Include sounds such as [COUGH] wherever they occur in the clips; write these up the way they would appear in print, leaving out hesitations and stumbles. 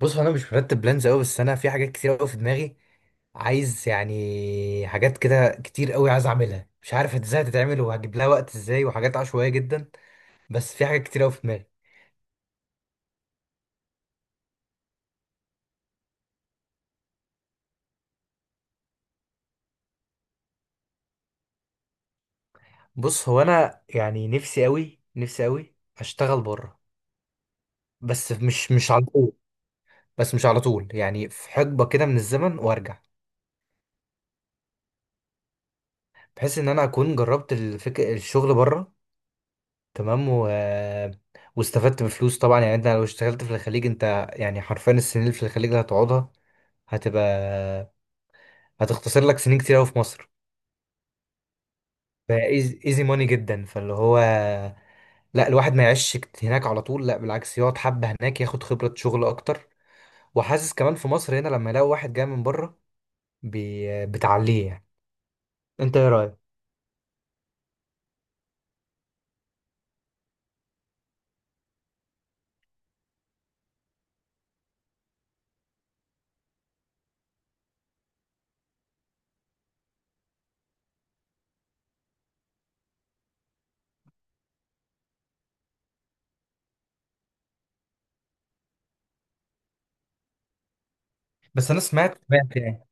بص هو انا مش مرتب بلانز قوي، بس انا في حاجات كتير قوي في دماغي. عايز يعني حاجات كده كتير قوي، عايز اعملها، مش عارف ازاي هتتعمل وهجيب لها وقت ازاي، وحاجات عشوائيه جدا. بس في حاجات كتير قوي في دماغي. بص هو انا يعني نفسي قوي، نفسي قوي اشتغل بره، بس مش على طول. بس مش على طول، يعني في حقبه كده من الزمن وارجع، بحيث ان انا اكون جربت الشغل بره. تمام واستفدت بفلوس طبعا. يعني انت لو اشتغلت في الخليج، انت يعني حرفيا السنين اللي في الخليج اللي هتقعدها هتبقى هتختصر لك سنين كتير قوي في مصر. فايزي ماني جدا، فاللي هو لا، الواحد ما يعيش هناك على طول، لا بالعكس، يقعد حبة هناك ياخد خبرة شغل اكتر. وحاسس كمان في مصر هنا، لما يلاقي واحد جاي من بره بتعليه يعني. انت ايه رأيك؟ بس انا سمعت يعني.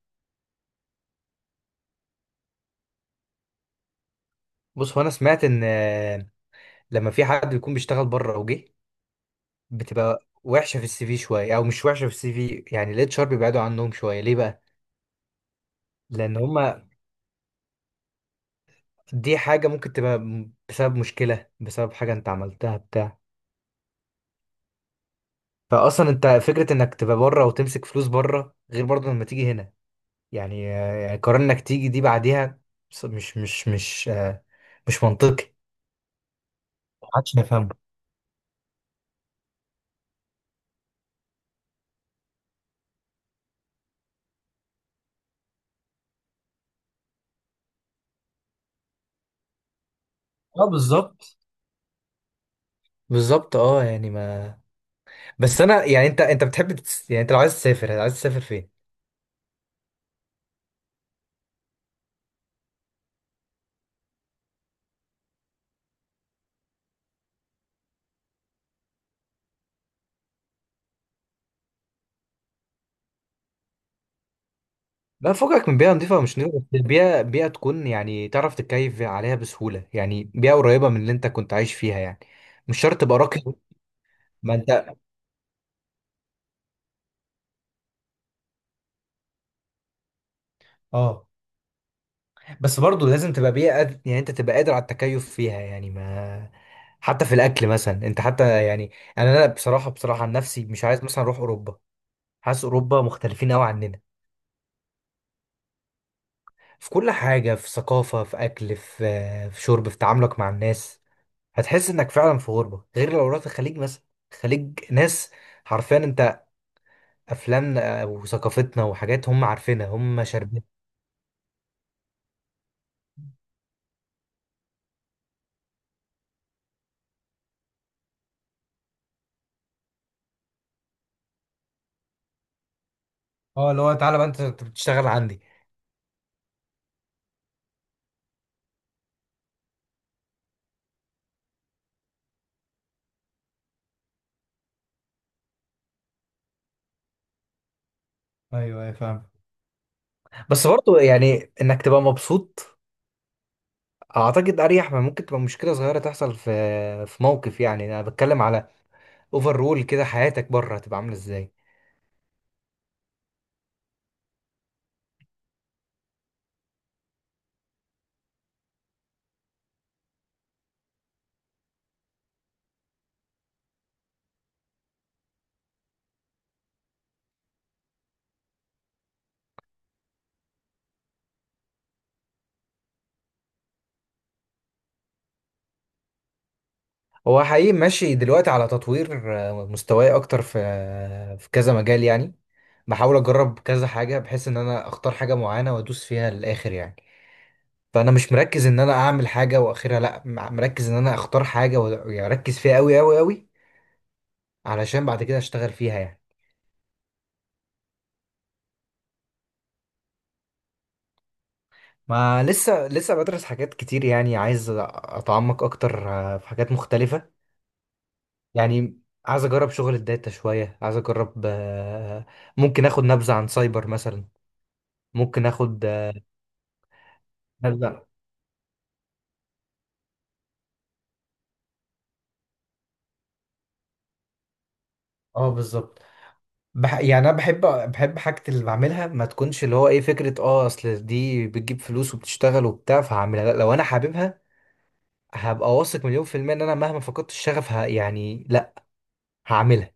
بص هو انا سمعت ان لما في حد بيكون بيشتغل بره وجه، بتبقى وحشة في السي في شوية، او مش وحشة في السي في، يعني الاتش ار بيبعدوا عنهم شوية. ليه بقى؟ لان هم، دي حاجة ممكن تبقى بسبب مشكلة، بسبب حاجة انت عملتها بتاع. فأصلا انت فكرة انك تبقى بره وتمسك فلوس بره، غير برضه لما تيجي هنا يعني، يعني قرار انك تيجي دي بعديها. بص- مش مش مش آه، مش منطقي، محدش هيفهمه. اه بالظبط، بالظبط، اه يعني ما. بس انا يعني، انت انت بتحب يعني انت لو عايز تسافر، عايز تسافر فين؟ لا فوقك من بيئة نظيفة ومش نظيفة، بس بيئة تكون يعني تعرف تتكيف عليها بسهولة، يعني بيئة قريبة من اللي انت كنت عايش فيها يعني. مش شرط تبقى راقي. ما انت، اه بس برضه لازم تبقى بيئة يعني انت تبقى قادر على التكيف فيها يعني ما. حتى في الاكل مثلا انت، حتى يعني انا بصراحة، بصراحة عن نفسي مش عايز مثلا اروح اوروبا. حاسس اوروبا مختلفين قوي عننا. في كل حاجة، في ثقافة، في اكل، في في شرب، في تعاملك مع الناس. هتحس انك فعلا في غربة، غير لو رحت الخليج مثلا. الخليج ناس، حرفيا انت افلامنا وثقافتنا وحاجات هم عارفينها، هم شاربين. اه اللي هو تعالى بقى انت، أنت بتشتغل عندي. ايوه، ايوه، فاهم. بس برضه يعني انك تبقى مبسوط، اعتقد اريح ما ممكن تبقى مشكله صغيره تحصل في في موقف. يعني انا بتكلم على اوفر رول كده، حياتك بره هتبقى عامله ازاي. هو حقيقي ماشي دلوقتي على تطوير مستواي اكتر في في كذا مجال يعني. بحاول اجرب كذا حاجه، بحيث ان انا اختار حاجه معينه وادوس فيها للاخر يعني. فانا مش مركز ان انا اعمل حاجه واخرها، لا، مركز ان انا اختار حاجه واركز فيها قوي قوي قوي، علشان بعد كده اشتغل فيها يعني. ما لسه بدرس حاجات كتير، يعني عايز اتعمق اكتر في حاجات مختلفة. يعني عايز اجرب شغل الداتا شوية، عايز اجرب ممكن اخد نبذة عن سايبر مثلا. ممكن اخد نبذة. اه بالظبط. يعني انا بحب حاجة اللي بعملها ما تكونش اللي هو ايه فكرة اه اصل دي بتجيب فلوس وبتشتغل وبتاع فهعملها، لا، لو انا حاببها هبقى واثق 100% ان انا مهما فقدت الشغف يعني لا، هعملها.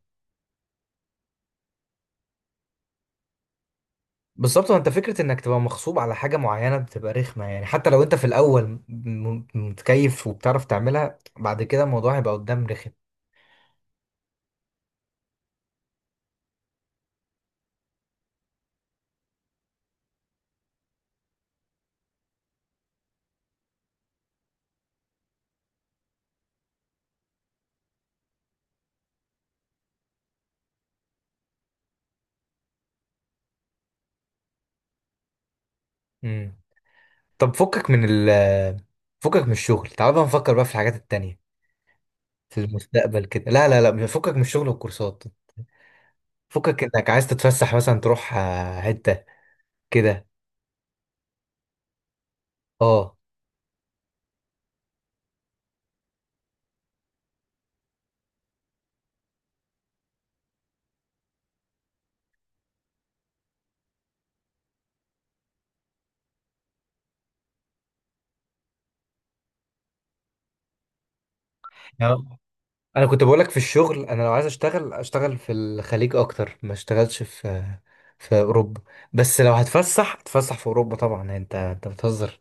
بالظبط، انت فكره انك تبقى مغصوب على حاجه معينه بتبقى رخمه، يعني حتى لو انت في الاول متكيف وبتعرف تعملها، بعد كده الموضوع هيبقى قدام رخم. امم طب فكك من ال، فكك من الشغل، تعال بقى نفكر بقى في الحاجات التانية في المستقبل كده. لا لا لا، فكك من الشغل والكورسات، فكك انك عايز تتفسح مثلا تروح حته كده. اه انا كنت بقولك في الشغل، انا لو عايز اشتغل اشتغل في الخليج اكتر ما اشتغلش في في اوروبا. بس لو هتفسح، هتفسح في اوروبا طبعا. يعني انت بتهزر،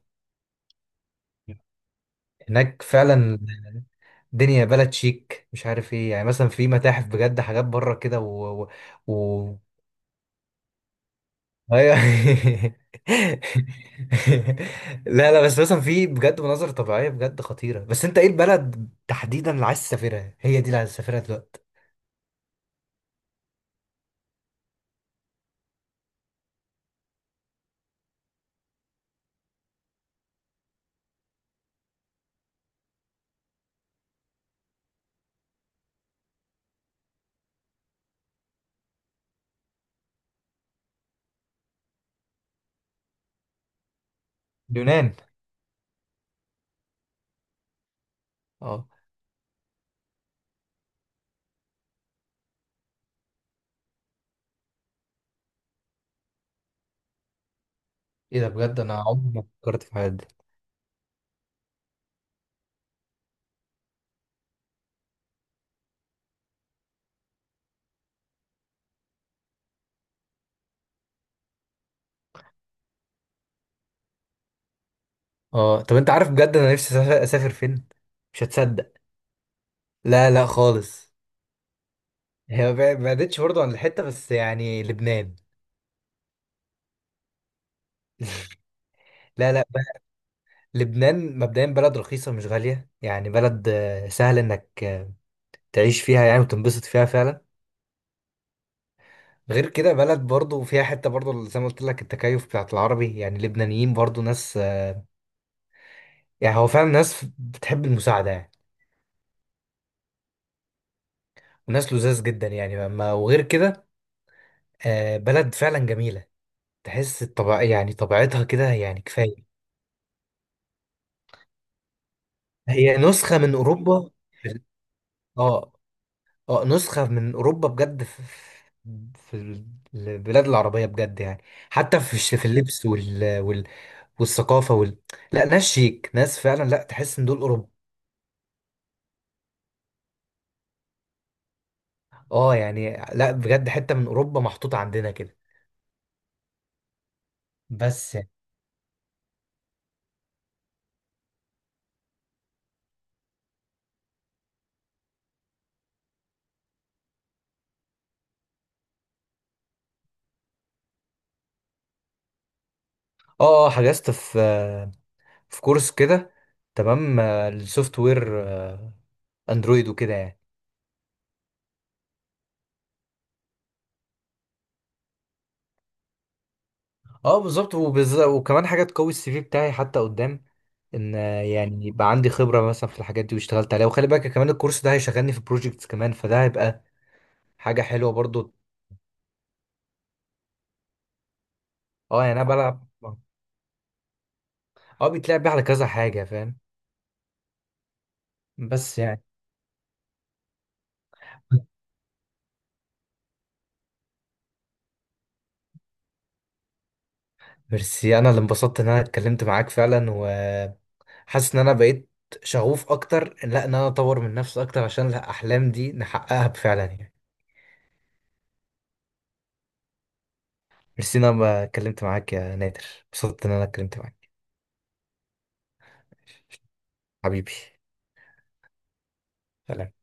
هناك فعلا الدنيا بلد شيك، مش عارف ايه، يعني مثلا في متاحف بجد، حاجات بره كده و... أيوة. [LAUGHS] لا لا، بس مثلا في بجد مناظر طبيعية بجد خطيرة. بس انت ايه البلد تحديدا اللي عايز تسافرها؟ هي دي اللي عايز تسافرها دلوقتي؟ اليونان. اه ايه ده، بجد انا عمري ما فكرت في حاجه دي. اه طب انت عارف بجد انا نفسي اسافر، أسافر فين؟ مش هتصدق. لا لا خالص، هي ما بعدتش برضه عن الحته، بس يعني لبنان. [LAUGHS] لا لا ب- لبنان مبدئيا بلد رخيصه مش غاليه، يعني بلد سهل انك تعيش فيها يعني وتنبسط فيها فعلا. غير كده بلد برضه فيها حته برضه زي ما قلت لك، التكيف بتاعت العربي، يعني اللبنانيين برضه ناس يعني هو فعلا ناس بتحب المساعده يعني. وناس لذاذ جدا يعني ما، وغير كده بلد فعلا جميله، تحس الطبع يعني طبيعتها كده يعني كفايه. هي نسخه من اوروبا اه، اه نسخه من اوروبا بجد في البلاد العربيه بجد يعني. حتى في في اللبس والثقافه لا ناس شيك، ناس فعلا، لا تحس ان دول اوروبا. اه يعني لا بجد، حته من اوروبا محطوطه عندنا كده. بس يعني. اه اه حجزت في في كورس كده، تمام، السوفت وير، اندرويد وكده يعني. اه بالظبط، وبالذات وكمان حاجه تقوي السي في بتاعي حتى قدام، ان يعني يبقى عندي خبره مثلا في الحاجات دي واشتغلت عليها. وخلي بالك كمان الكورس ده هيشغلني في بروجكتس كمان، فده هيبقى حاجه حلوه برضو. اه يعني انا بلعب، اه بيتلعب بيه على كذا حاجه، فاهم. بس يعني. ميرسي، انا اللي انبسطت ان انا اتكلمت معاك فعلا، وحاسس ان انا بقيت شغوف اكتر، لا ان انا اطور من نفسي اكتر عشان الاحلام دي نحققها فعلا يعني. ميرسي إن انا ما اتكلمت معاك يا نادر، انبسطت ان انا اتكلمت معاك. حبيبي، سلام.